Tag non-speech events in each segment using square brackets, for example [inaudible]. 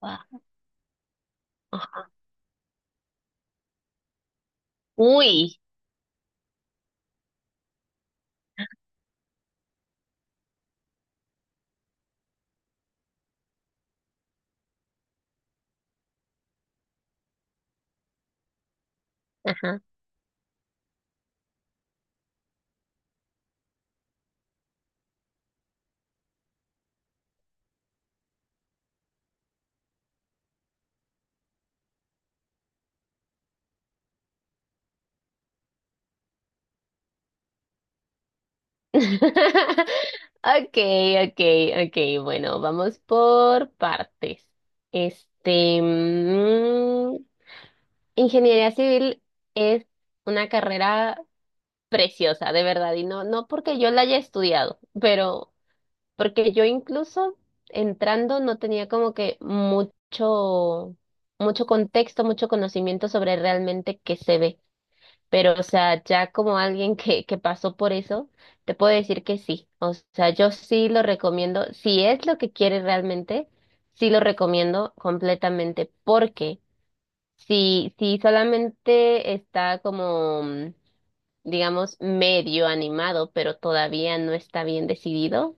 Ah, ajá. Uy, ajá. [laughs] Okay, okay, okay. Bueno, vamos por partes. Este, ingeniería civil es una carrera preciosa, de verdad, y no, no porque yo la haya estudiado, pero porque yo incluso entrando no tenía como que mucho contexto, mucho conocimiento sobre realmente qué se ve. Pero, o sea, ya como alguien que pasó por eso, te puedo decir que sí. O sea, yo sí lo recomiendo. Si es lo que quieres realmente, sí lo recomiendo completamente. Porque si solamente está como, digamos, medio animado, pero todavía no está bien decidido,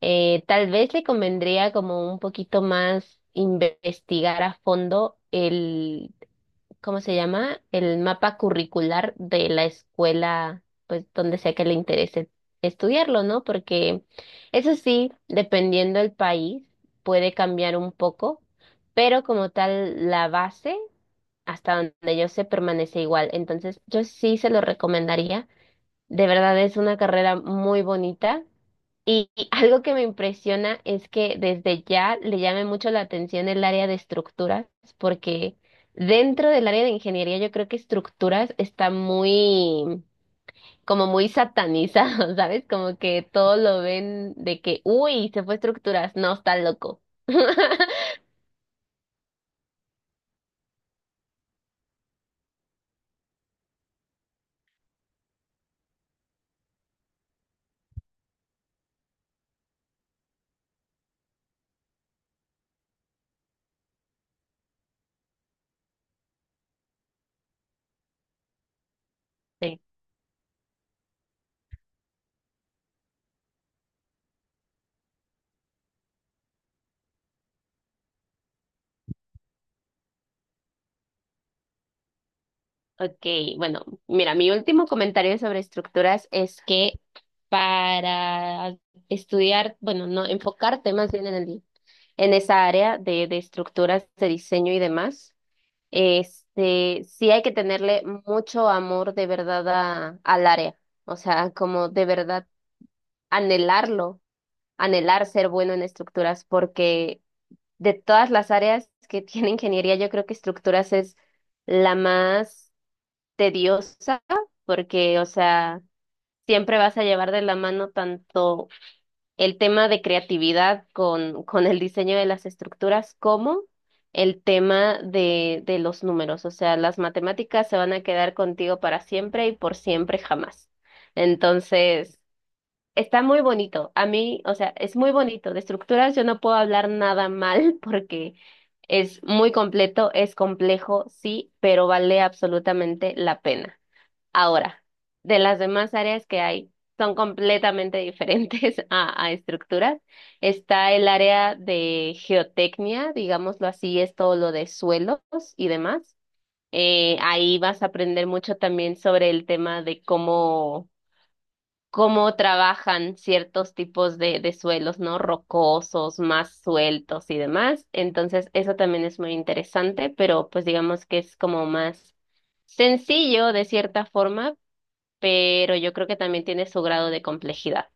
tal vez le convendría como un poquito más investigar a fondo el ¿cómo se llama? El mapa curricular de la escuela, pues donde sea que le interese estudiarlo, ¿no? Porque eso sí, dependiendo del país, puede cambiar un poco, pero como tal, la base, hasta donde yo sé, permanece igual. Entonces, yo sí se lo recomendaría. De verdad es una carrera muy bonita. Y algo que me impresiona es que desde ya le llame mucho la atención el área de estructuras, porque dentro del área de ingeniería yo creo que estructuras está muy, como muy satanizado, [laughs] ¿sabes? Como que todo lo ven de que, uy, se fue estructuras, no, está loco. [laughs] Ok, bueno, mira, mi último comentario sobre estructuras es que para estudiar, bueno, no, enfocarte más bien en esa área de estructuras de diseño y demás, este, sí hay que tenerle mucho amor de verdad al área, o sea, como de verdad anhelarlo, anhelar ser bueno en estructuras, porque de todas las áreas que [laughs] tiene ingeniería, yo creo que estructuras es la más tediosa porque, o sea, siempre vas a llevar de la mano tanto el tema de creatividad con el diseño de las estructuras como el tema de los números. O sea, las matemáticas se van a quedar contigo para siempre y por siempre jamás. Entonces, está muy bonito. A mí, o sea, es muy bonito. De estructuras yo no puedo hablar nada mal [laughs] porque... Es muy completo, es complejo, sí, pero vale absolutamente la pena. Ahora, de las demás áreas que hay, son completamente diferentes [laughs] a estructuras. Está el área de geotecnia, digámoslo así, es todo lo de suelos y demás. Ahí vas a aprender mucho también sobre el tema de cómo trabajan ciertos tipos de suelos, ¿no? Rocosos, más sueltos y demás. Entonces, eso también es muy interesante, pero pues digamos que es como más sencillo de cierta forma pero yo creo que también tiene su grado de complejidad.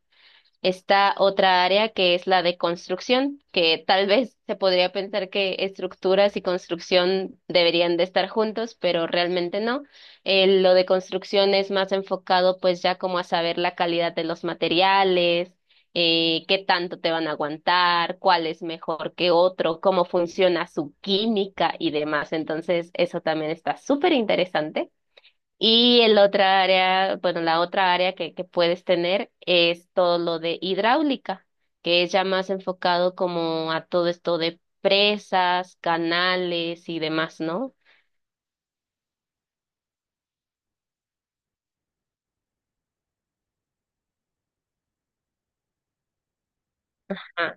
Está otra área que es la de construcción, que tal vez se podría pensar que estructuras y construcción deberían de estar juntos, pero realmente no. Lo de construcción es más enfocado pues ya como a saber la calidad de los materiales, qué tanto te van a aguantar, cuál es mejor que otro, cómo funciona su química y demás. Entonces, eso también está súper interesante. Y el otra área, bueno, la otra área que puedes tener es todo lo de hidráulica, que es ya más enfocado como a todo esto de presas, canales y demás, ¿no? Ah,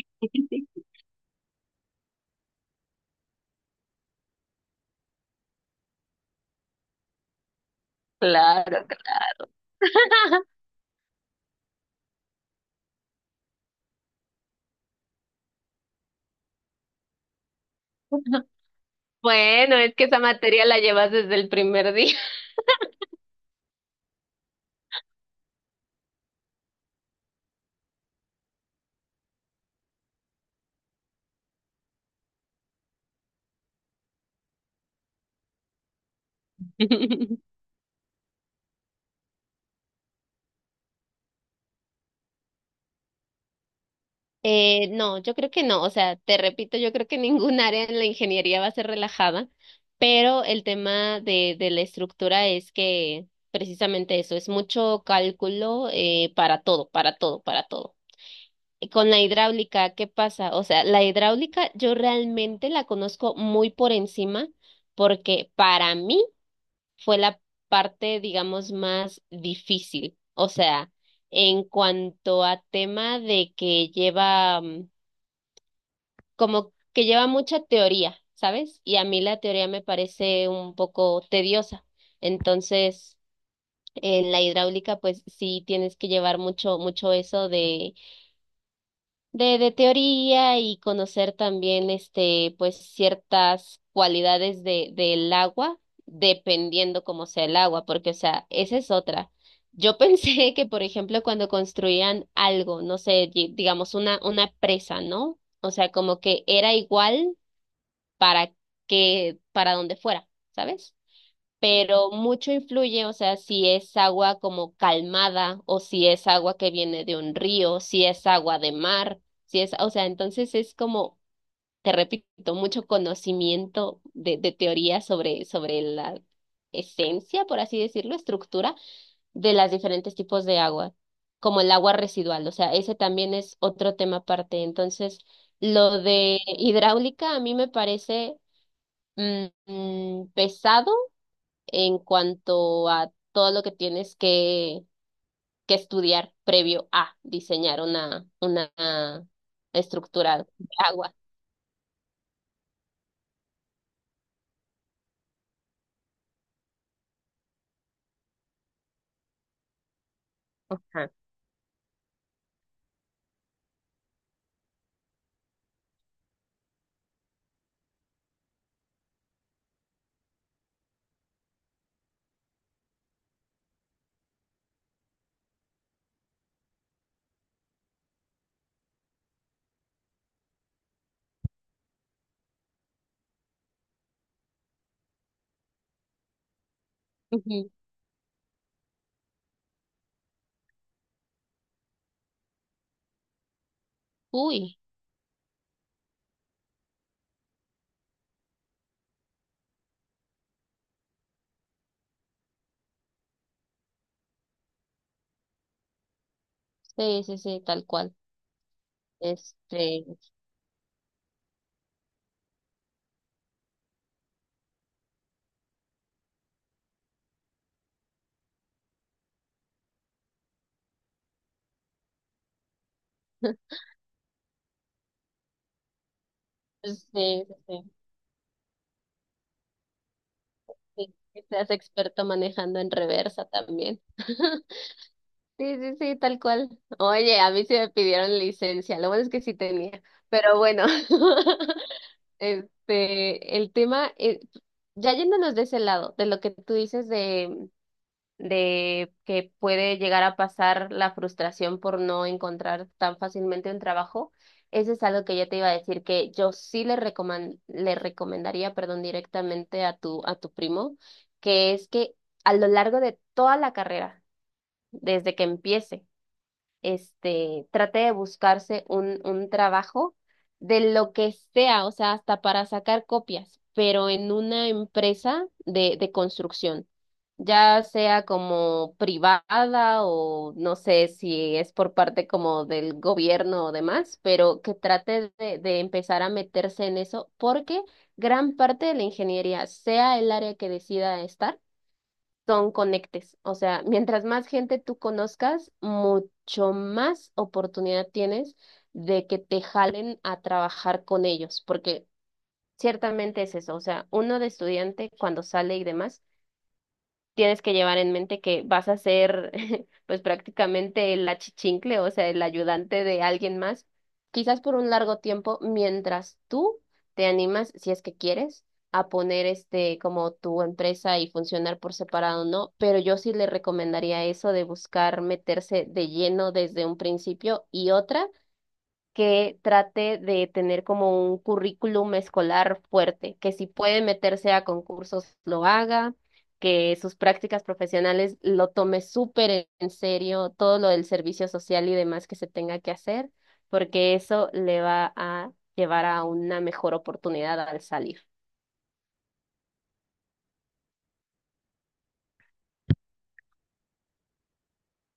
[laughs] Claro. [laughs] Bueno, es que esa materia la llevas desde el primer día. [laughs] No, yo creo que no. O sea, te repito, yo creo que [laughs] ningún área en la ingeniería va a ser relajada, pero el tema de la estructura es que precisamente eso, es mucho cálculo para todo, para todo, para todo. Y con la hidráulica, ¿qué pasa? O sea, la hidráulica yo realmente la conozco muy por encima porque para mí fue la parte, digamos, más difícil. O sea, en cuanto a tema de que lleva... mm, como que lleva mucha teoría, ¿sabes? Y a mí la teoría me parece un poco tediosa. Entonces, en la hidráulica, pues sí tienes que llevar mucho, mucho eso de teoría y conocer también, este, pues ciertas cualidades del agua, dependiendo cómo sea el agua, porque, o sea, esa es otra. Yo pensé [laughs] que, por ejemplo, cuando construían algo, no sé, digamos una presa, ¿no? O sea, como que era igual para para donde fuera, ¿sabes? Pero mucho influye, o sea, si es agua como calmada o si es agua que viene de un río, si es agua de mar, si es, o sea, entonces es como, te repito, mucho conocimiento de teoría sobre la esencia, por así decirlo, estructura de las diferentes tipos de agua, como el agua residual, o sea, ese también es otro tema aparte. Entonces, lo de hidráulica a mí me parece pesado en cuanto a todo lo que tienes que estudiar previo a diseñar una estructura de agua. Ajá. Ujú. Uy, sí, sí, sí, tal cual. Este, pues sí, sí, sí, sí, que seas experto manejando en reversa también. [laughs] Sí, sí, sí, tal cual. Oye, a mí sí me pidieron licencia, lo bueno es que sí tenía, pero bueno. [laughs] Este, el tema, ya yéndonos de ese lado, de lo que tú dices de que puede llegar a pasar la frustración por no encontrar tan fácilmente un trabajo, eso es algo que yo te iba a decir que yo sí le recomendaría, perdón, directamente a tu primo, que es que a lo largo de toda la carrera, desde que empiece, este, trate de buscarse un trabajo de lo que sea, o sea, hasta para sacar copias, pero en una empresa de construcción, ya sea como privada o no sé si es por parte como del gobierno o demás, pero que trate de empezar a meterse en eso porque gran parte de la ingeniería, sea el área que decida estar, son conectes. O sea, mientras más gente tú conozcas, mucho más oportunidad tienes de que te jalen a trabajar con ellos, porque ciertamente es eso. O sea, uno de estudiante cuando sale y demás tienes que llevar en mente que vas a ser [laughs] pues prácticamente el achichincle, o sea, el ayudante de alguien más, quizás por un largo tiempo, mientras tú te animas, si es que quieres, a poner este como tu empresa y funcionar por separado, ¿no? Pero yo sí le recomendaría eso de buscar meterse de lleno desde un principio y otra que trate de tener como un currículum escolar fuerte, que si puede meterse a concursos lo haga, que sus prácticas profesionales lo tome súper en serio, todo lo del servicio social y demás que se tenga que hacer, porque eso le va a llevar a una mejor oportunidad al salir.